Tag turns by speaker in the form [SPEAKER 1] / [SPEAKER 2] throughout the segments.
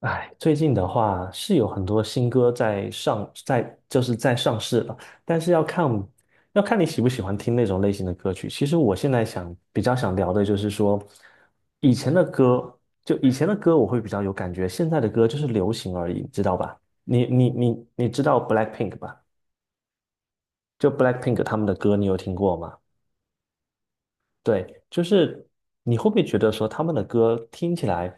[SPEAKER 1] 哎，最近的话是有很多新歌在上，就是在上市了，但是要看你喜不喜欢听那种类型的歌曲。其实我现在想比较想聊的就是说，以前的歌以前的歌我会比较有感觉，现在的歌就是流行而已，知道吧？你知道 BLACKPINK 吧？就 BLACKPINK 他们的歌你有听过吗？对，就是你会不会觉得说他们的歌听起来，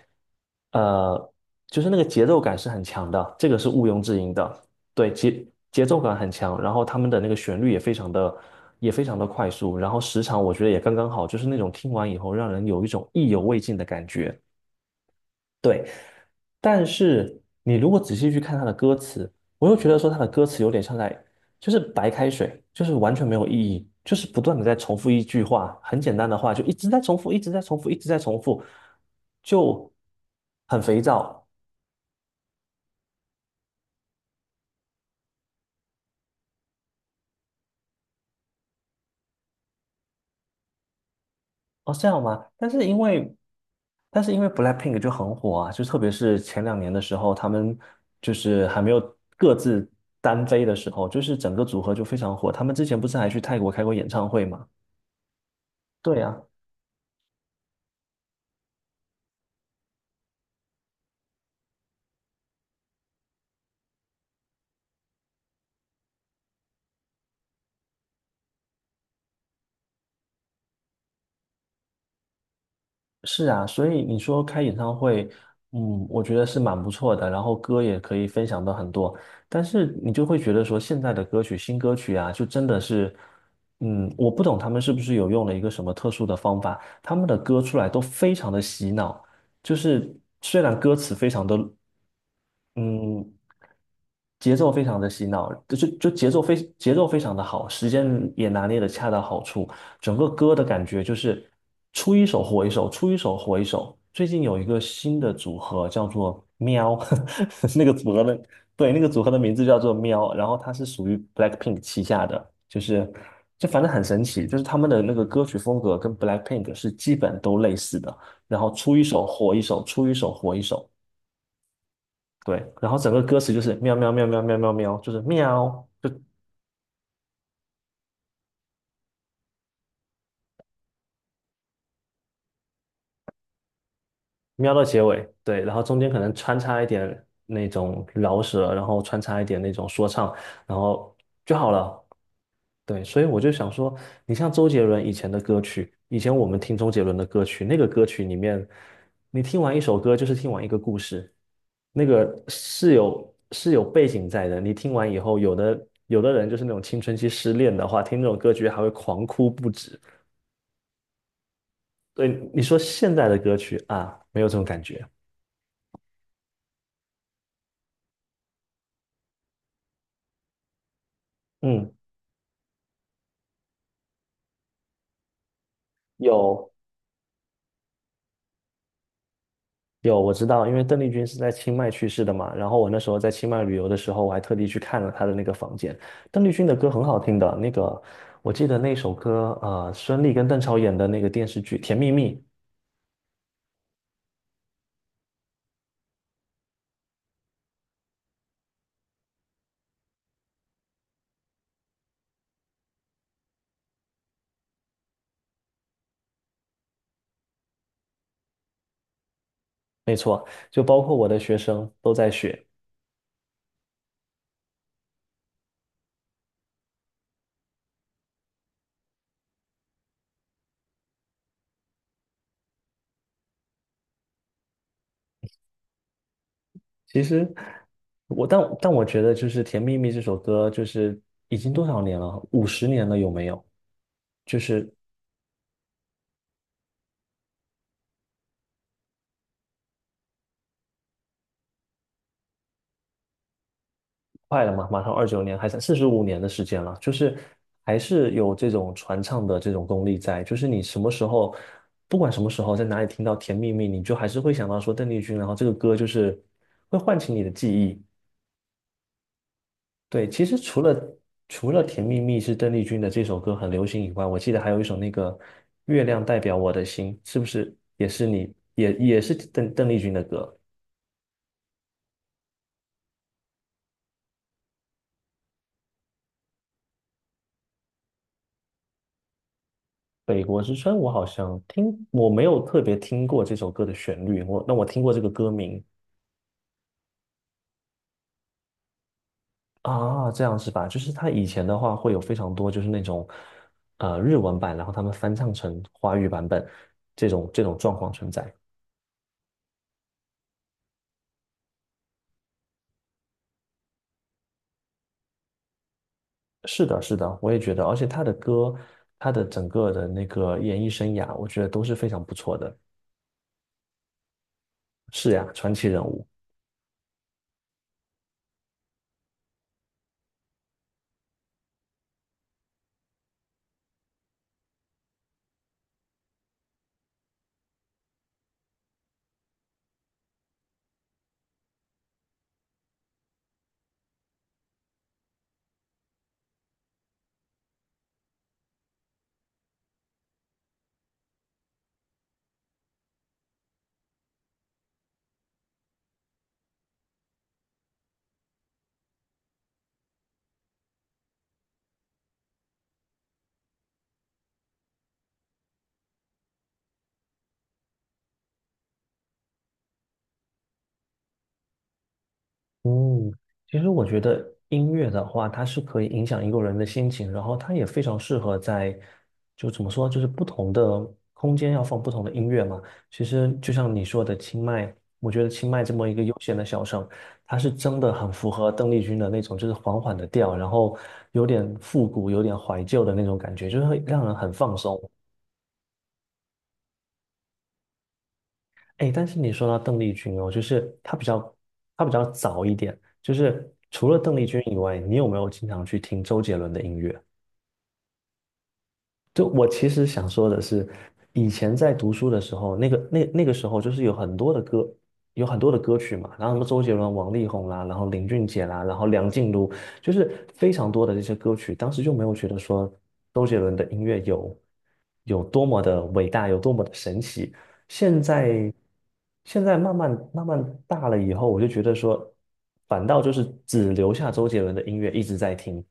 [SPEAKER 1] 呃，就是那个节奏感是很强的，这个是毋庸置疑的。对，节奏感很强，然后他们的那个旋律也非常的快速，然后时长我觉得也刚刚好，就是那种听完以后让人有一种意犹未尽的感觉。对，但是你如果仔细去看他的歌词，我又觉得说他的歌词有点像在，就是白开水，就是完全没有意义，就是不断的在重复一句话，很简单的话，就一直在重复，一直在重复，一直在重复，就很肥皂哦，这样吗？但是因为 BLACKPINK 就很火啊，就特别是前两年的时候，他们就是还没有各自单飞的时候，就是整个组合就非常火。他们之前不是还去泰国开过演唱会吗？对呀。是啊，所以你说开演唱会，嗯，我觉得是蛮不错的，然后歌也可以分享的很多，但是你就会觉得说现在的歌曲、新歌曲啊，就真的是，嗯，我不懂他们是不是有用了一个什么特殊的方法，他们的歌出来都非常的洗脑，就是虽然歌词非常的嗯，节奏非常的洗脑，就节奏非常的好，时间也拿捏的恰到好处，整个歌的感觉就是出一首火一首，出一首火一首。最近有一个新的组合叫做喵，那个组合的对那个组合的名字叫做喵，然后它是属于 BLACKPINK 旗下的，就是就反正很神奇，就是他们的那个歌曲风格跟 BLACKPINK 是基本都类似的，然后出一首火一首，出一首火一首。对，然后整个歌词就是喵喵喵喵喵喵喵，就是喵，就喵到结尾，对，然后中间可能穿插一点那种饶舌，然后穿插一点那种说唱，然后就好了。对，所以我就想说，你像周杰伦以前的歌曲，以前我们听周杰伦的歌曲，那个歌曲里面，你听完一首歌就是听完一个故事，那个是有背景在的。你听完以后，有的人就是那种青春期失恋的话，听这种歌曲还会狂哭不止。对，你说现在的歌曲啊，没有这种感觉。嗯，有有,我知道，因为邓丽君是在清迈去世的嘛。然后我那时候在清迈旅游的时候，我还特地去看了她的那个房间。邓丽君的歌很好听的，那个我记得那首歌，啊，孙俪跟邓超演的那个电视剧《甜蜜蜜》，没错，就包括我的学生都在学。其实我我觉得就是《甜蜜蜜》这首歌，就是已经多少年了？50年了有没有？就是快了嘛，马上29年，还剩45年的时间了，就是还是有这种传唱的这种功力在，就是你什么时候，不管什么时候，在哪里听到《甜蜜蜜》，你就还是会想到说邓丽君，然后这个歌就是会唤起你的记忆。对，其实除了除了《甜蜜蜜》是邓丽君的这首歌很流行以外，我记得还有一首那个《月亮代表我的心》，是不是也是也是邓丽君的歌？北国之春，我好像听，我没有特别听过这首歌的旋律，我听过这个歌名啊，这样是吧？就是他以前的话会有非常多，就是那种日文版，然后他们翻唱成华语版本这种状况存在。是的，是的，我也觉得，而且他的歌，他的整个的那个演艺生涯，我觉得都是非常不错的。是呀，传奇人物。嗯，其实我觉得音乐的话，它是可以影响一个人的心情，然后它也非常适合在，就怎么说，就是不同的空间要放不同的音乐嘛。其实就像你说的清迈，我觉得清迈这么一个悠闲的小城，它是真的很符合邓丽君的那种，就是缓缓的调，然后有点复古、有点怀旧的那种感觉，就是会让人很放松。哎，但是你说到邓丽君哦，就是她比较，她比较早一点。就是除了邓丽君以外，你有没有经常去听周杰伦的音乐？就我其实想说的是，以前在读书的时候，那个时候就是有很多的歌，有很多的歌曲嘛，然后什么周杰伦、王力宏啦，然后林俊杰啦，然后梁静茹，就是非常多的这些歌曲。当时就没有觉得说周杰伦的音乐有多么的伟大，有多么的神奇。现在现在慢慢大了以后，我就觉得说，反倒就是只留下周杰伦的音乐一直在听，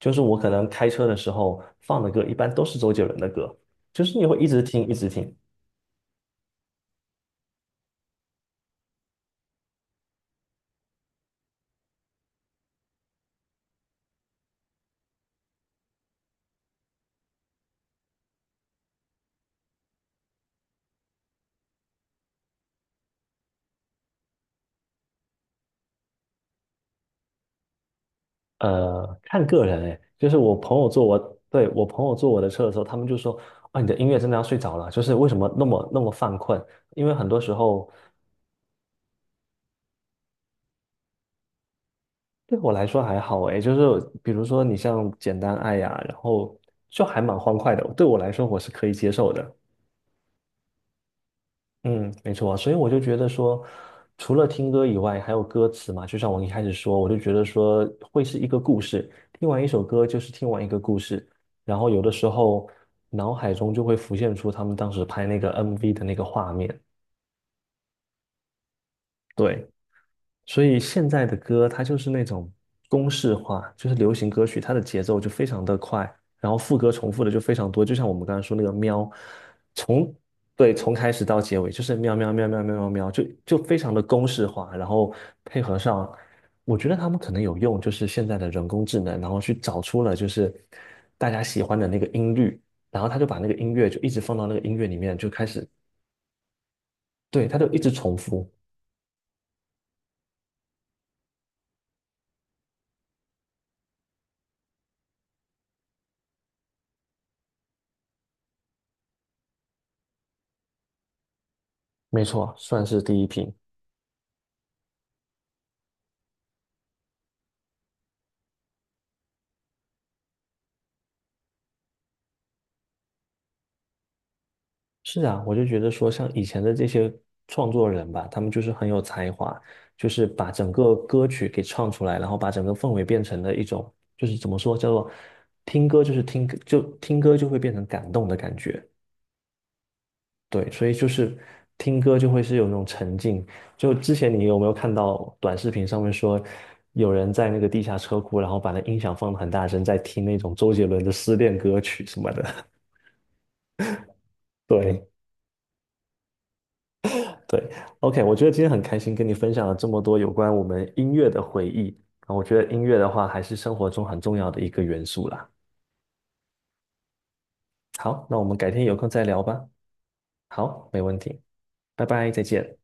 [SPEAKER 1] 就是我可能开车的时候放的歌一般都是周杰伦的歌，就是你会一直听一直听。看个人诶，就是我朋友坐我，对，我朋友坐我的车的时候，他们就说啊，你的音乐真的要睡着了，就是为什么那么犯困？因为很多时候对我来说还好诶，就是比如说你像简单爱呀、然后就还蛮欢快的，对我来说我是可以接受的。嗯，没错，所以我就觉得说，除了听歌以外，还有歌词嘛，就像我一开始说，我就觉得说会是一个故事，听完一首歌就是听完一个故事，然后有的时候脑海中就会浮现出他们当时拍那个 MV 的那个画面。对。所以现在的歌它就是那种公式化，就是流行歌曲，它的节奏就非常的快，然后副歌重复的就非常多，就像我们刚才说那个喵，从对从开始到结尾就是喵喵喵喵喵喵喵，就非常的公式化，然后配合上，我觉得他们可能有用，就是现在的人工智能，然后去找出了就是大家喜欢的那个音律，然后他就把那个音乐就一直放到那个音乐里面，就开始，对，他就一直重复，没错，算是第1批。是啊，我就觉得说，像以前的这些创作人吧，他们就是很有才华，就是把整个歌曲给唱出来，然后把整个氛围变成了一种，就是怎么说，叫做听歌就是听歌，就听歌就会变成感动的感觉。对，所以就是听歌就会是有那种沉浸。就之前你有没有看到短视频上面说，有人在那个地下车库，然后把那音响放得很大声，在听那种周杰伦的失恋歌曲什么的？对。对，OK,我觉得今天很开心跟你分享了这么多有关我们音乐的回忆啊，我觉得音乐的话还是生活中很重要的一个元素啦。好，那我们改天有空再聊吧。好，没问题，拜拜，再见。